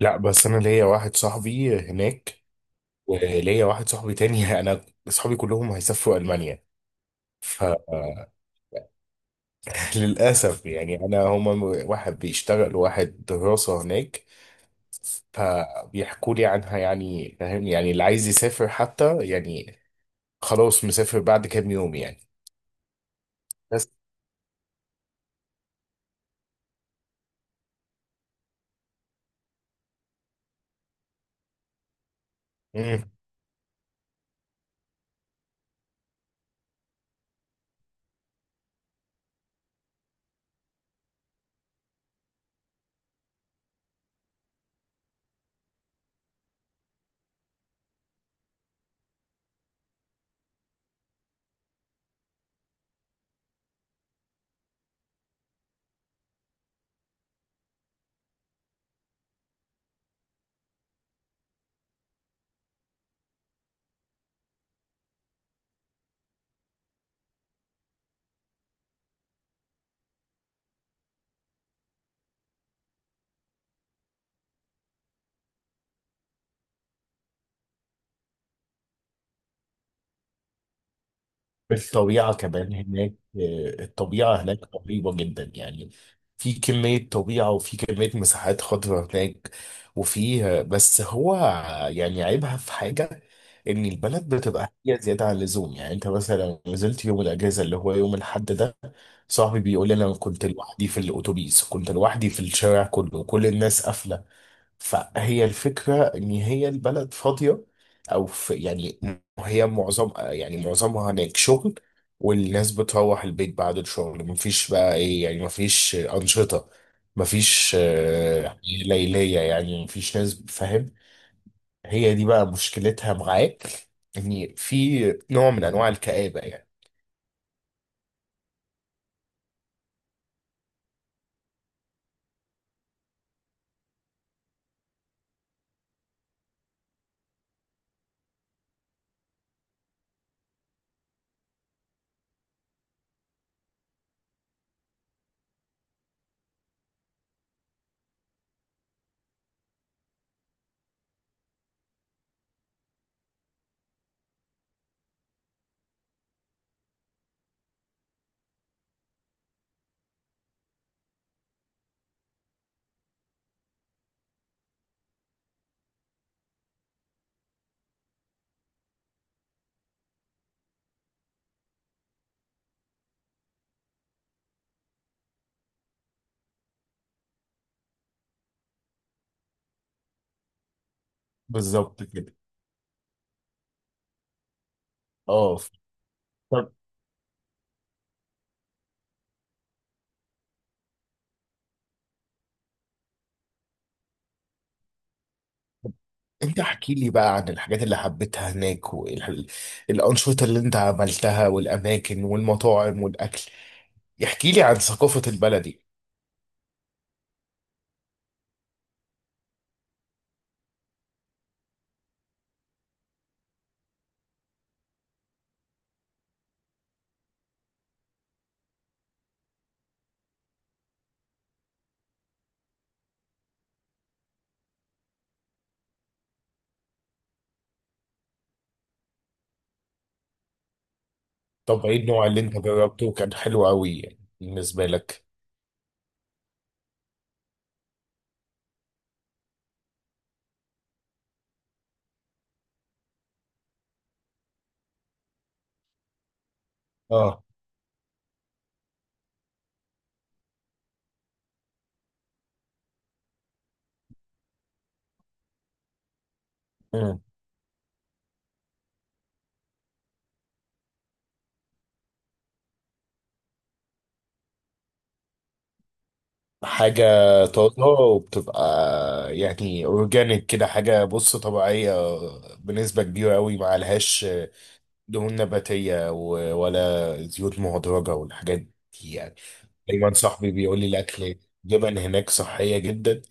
لا، بس انا ليا واحد صاحبي هناك وليا واحد صاحبي تاني. انا اصحابي كلهم هيسافروا المانيا. فللاسف. يعني انا هما واحد بيشتغل وواحد دراسة هناك. فبيحكوا لي عنها، يعني فاهم، يعني اللي عايز يسافر حتى يعني خلاص مسافر بعد كام يوم يعني. بس الطبيعة كمان هناك، الطبيعة هناك رهيبة جدا يعني. في كمية طبيعة وفي كمية مساحات خضراء هناك. وفي بس هو يعني عيبها في حاجة، إن البلد بتبقى هي زيادة عن اللزوم. يعني أنت مثلا نزلت يوم الأجازة اللي هو يوم الحد ده، صاحبي بيقول لي أنا كنت لوحدي في الأتوبيس، كنت لوحدي في الشارع كله، كل الناس قافلة. فهي الفكرة إن هي البلد فاضية، أو في يعني هي معظمها هناك شغل. والناس بتروح البيت بعد الشغل، مفيش بقى إيه يعني، مفيش أنشطة، مفيش يعني ليلية، يعني مفيش ناس فاهم. هي دي بقى مشكلتها معاك، إن في نوع من أنواع الكآبة يعني. بالظبط كده. اه، انت احكي لي بقى عن الحاجات اللي حبيتها هناك والانشطة اللي انت عملتها والاماكن والمطاعم والاكل. احكي لي عن ثقافة البلد دي. طب ايه النوع اللي انت جربته كان حلو قوي يعني بالنسبة لك؟ اه. مم. حاجة طازة وبتبقى يعني اورجانيك كده، حاجة بص طبيعية بنسبة كبيرة قوي معلهاش دهون نباتية ولا زيوت مهدرجة والحاجات دي يعني. دايما صاحبي بيقول لي الاكل، جبن هناك صحيه جدا،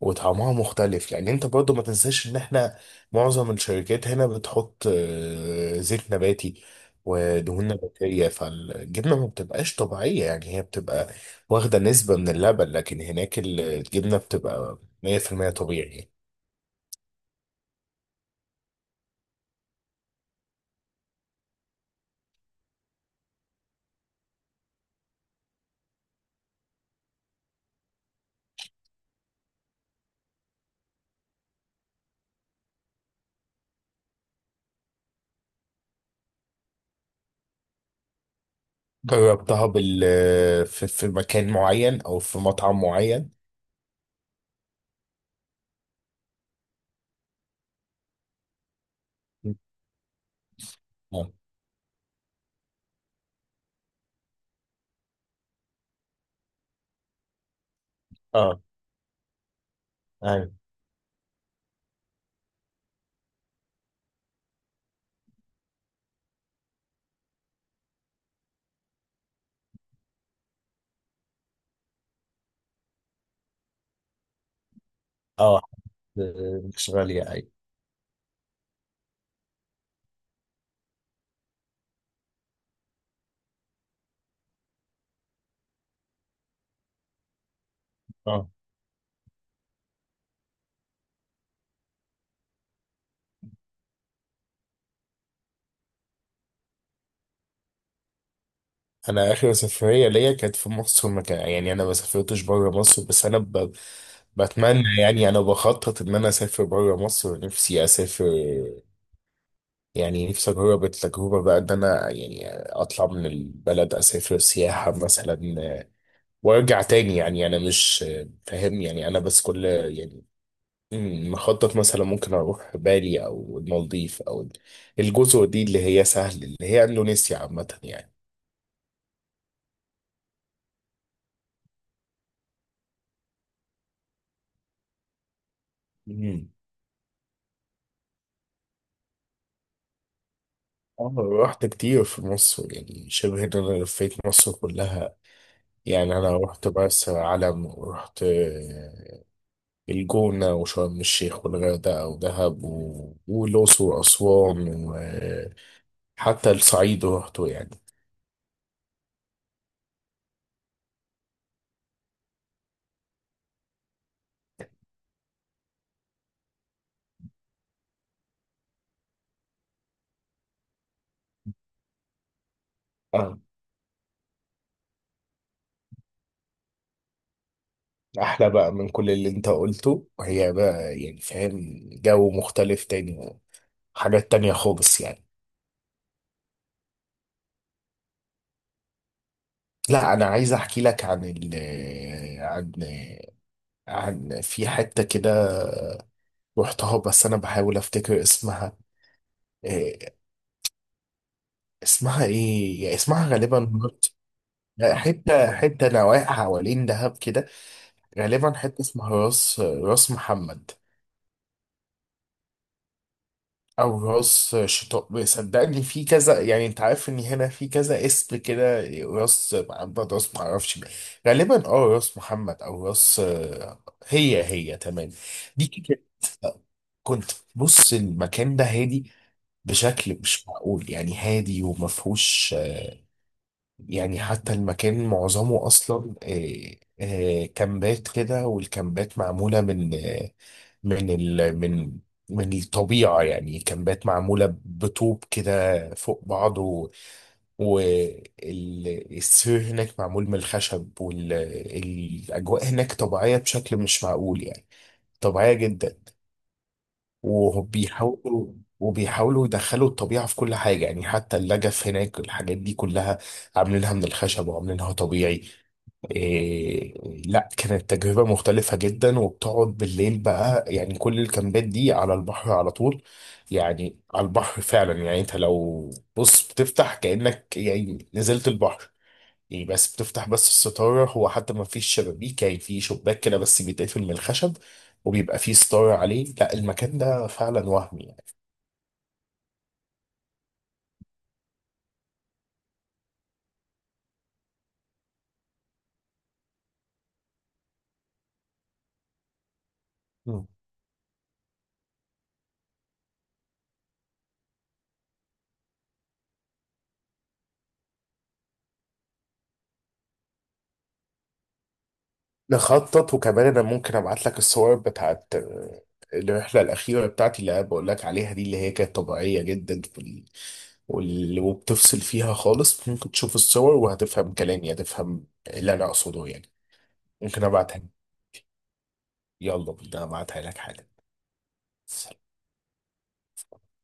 وطعمها مختلف، لان انت برضو ما تنساش ان احنا معظم الشركات هنا بتحط زيت نباتي ودهون نباتيه، فالجبنه ما بتبقاش طبيعيه، يعني هي بتبقى واخده نسبه من اللبن. لكن هناك الجبنه بتبقى 100% طبيعي. جربتها في مكان معين او في مطعم معين؟ اه. اه. ايوه. اه، مش غاليه. ايوه. اه، انا اخر سفريه ليا كانت في مصر. ما كان يعني، انا ما سافرتش بره مصر، بس انا بتمنى يعني، انا بخطط ان انا اسافر بره مصر. نفسي اسافر يعني، نفسي اجرب التجربه بقى، ان انا يعني اطلع من البلد، اسافر سياحه مثلا وارجع تاني. يعني انا مش فاهم يعني، انا بس كل يعني مخطط مثلا ممكن اروح بالي او المالديف او الجزر دي اللي هي سهل، اللي هي اندونيسيا عامه يعني. اه، رحت كتير في مصر. يعني شبه ان انا لفيت مصر كلها يعني. انا رحت مرسى علم ورحت الجونة وشرم الشيخ والغردقة ودهب والأقصر وأسوان، وحتى الصعيد رحته يعني. اه، أحلى بقى من كل اللي أنت قلته، وهي بقى يعني فاهم جو مختلف تاني، حاجات تانية خالص يعني. لا، أنا عايز أحكي لك عن ال آه، عن آه، عن في حتة كده رحتها، بس انا بحاول افتكر اسمها إيه. اسمها ايه يعني، اسمها غالبا مرت. لا، حته نواحي حوالين دهب كده، غالبا حته اسمها راس محمد، او راس شطاء. صدقني في كذا يعني، انت عارف ان هنا في كذا اسم كده، راس محمد، راس معرفش مين. غالبا اه راس محمد او راس، هي هي تمام دي كده. كنت بص المكان ده هادي بشكل مش معقول، يعني هادي وما فيهوش يعني. حتى المكان معظمه اصلا كامبات كده، والكامبات معموله من آه، من ال من من الطبيعه يعني. كامبات معموله بطوب كده فوق بعض، والسور هناك معمول من الخشب، والاجواء هناك طبيعيه بشكل مش معقول يعني. طبيعيه جدا. وبيحاولوا وبيحاولوا يدخلوا الطبيعة في كل حاجة، يعني حتى اللجف هناك، الحاجات دي كلها عاملينها من الخشب وعاملينها طبيعي. إيه. لا، كانت تجربة مختلفة جدا. وبتقعد بالليل بقى يعني، كل الكامبات دي على البحر على طول، يعني على البحر فعلا يعني. انت لو بص بتفتح كأنك يعني نزلت البحر، يعني بس بتفتح بس الستارة. هو حتى ما فيش شبابيك يعني، في شباك كده بس بيتقفل من الخشب، وبيبقى فيه ستارة عليه. لا، المكان ده فعلا وهمي يعني. مم. نخطط. وكمان انا ممكن ابعت لك الصور بتاعت الرحلة الأخيرة بتاعتي اللي أنا بقول لك عليها دي، اللي هي كانت طبيعية جدا وبتفصل فيها خالص. ممكن تشوف الصور وهتفهم كلامي، هتفهم اللي أنا أقصده يعني. ممكن أبعتها لك. يلا بينا أبعتها لك حالا.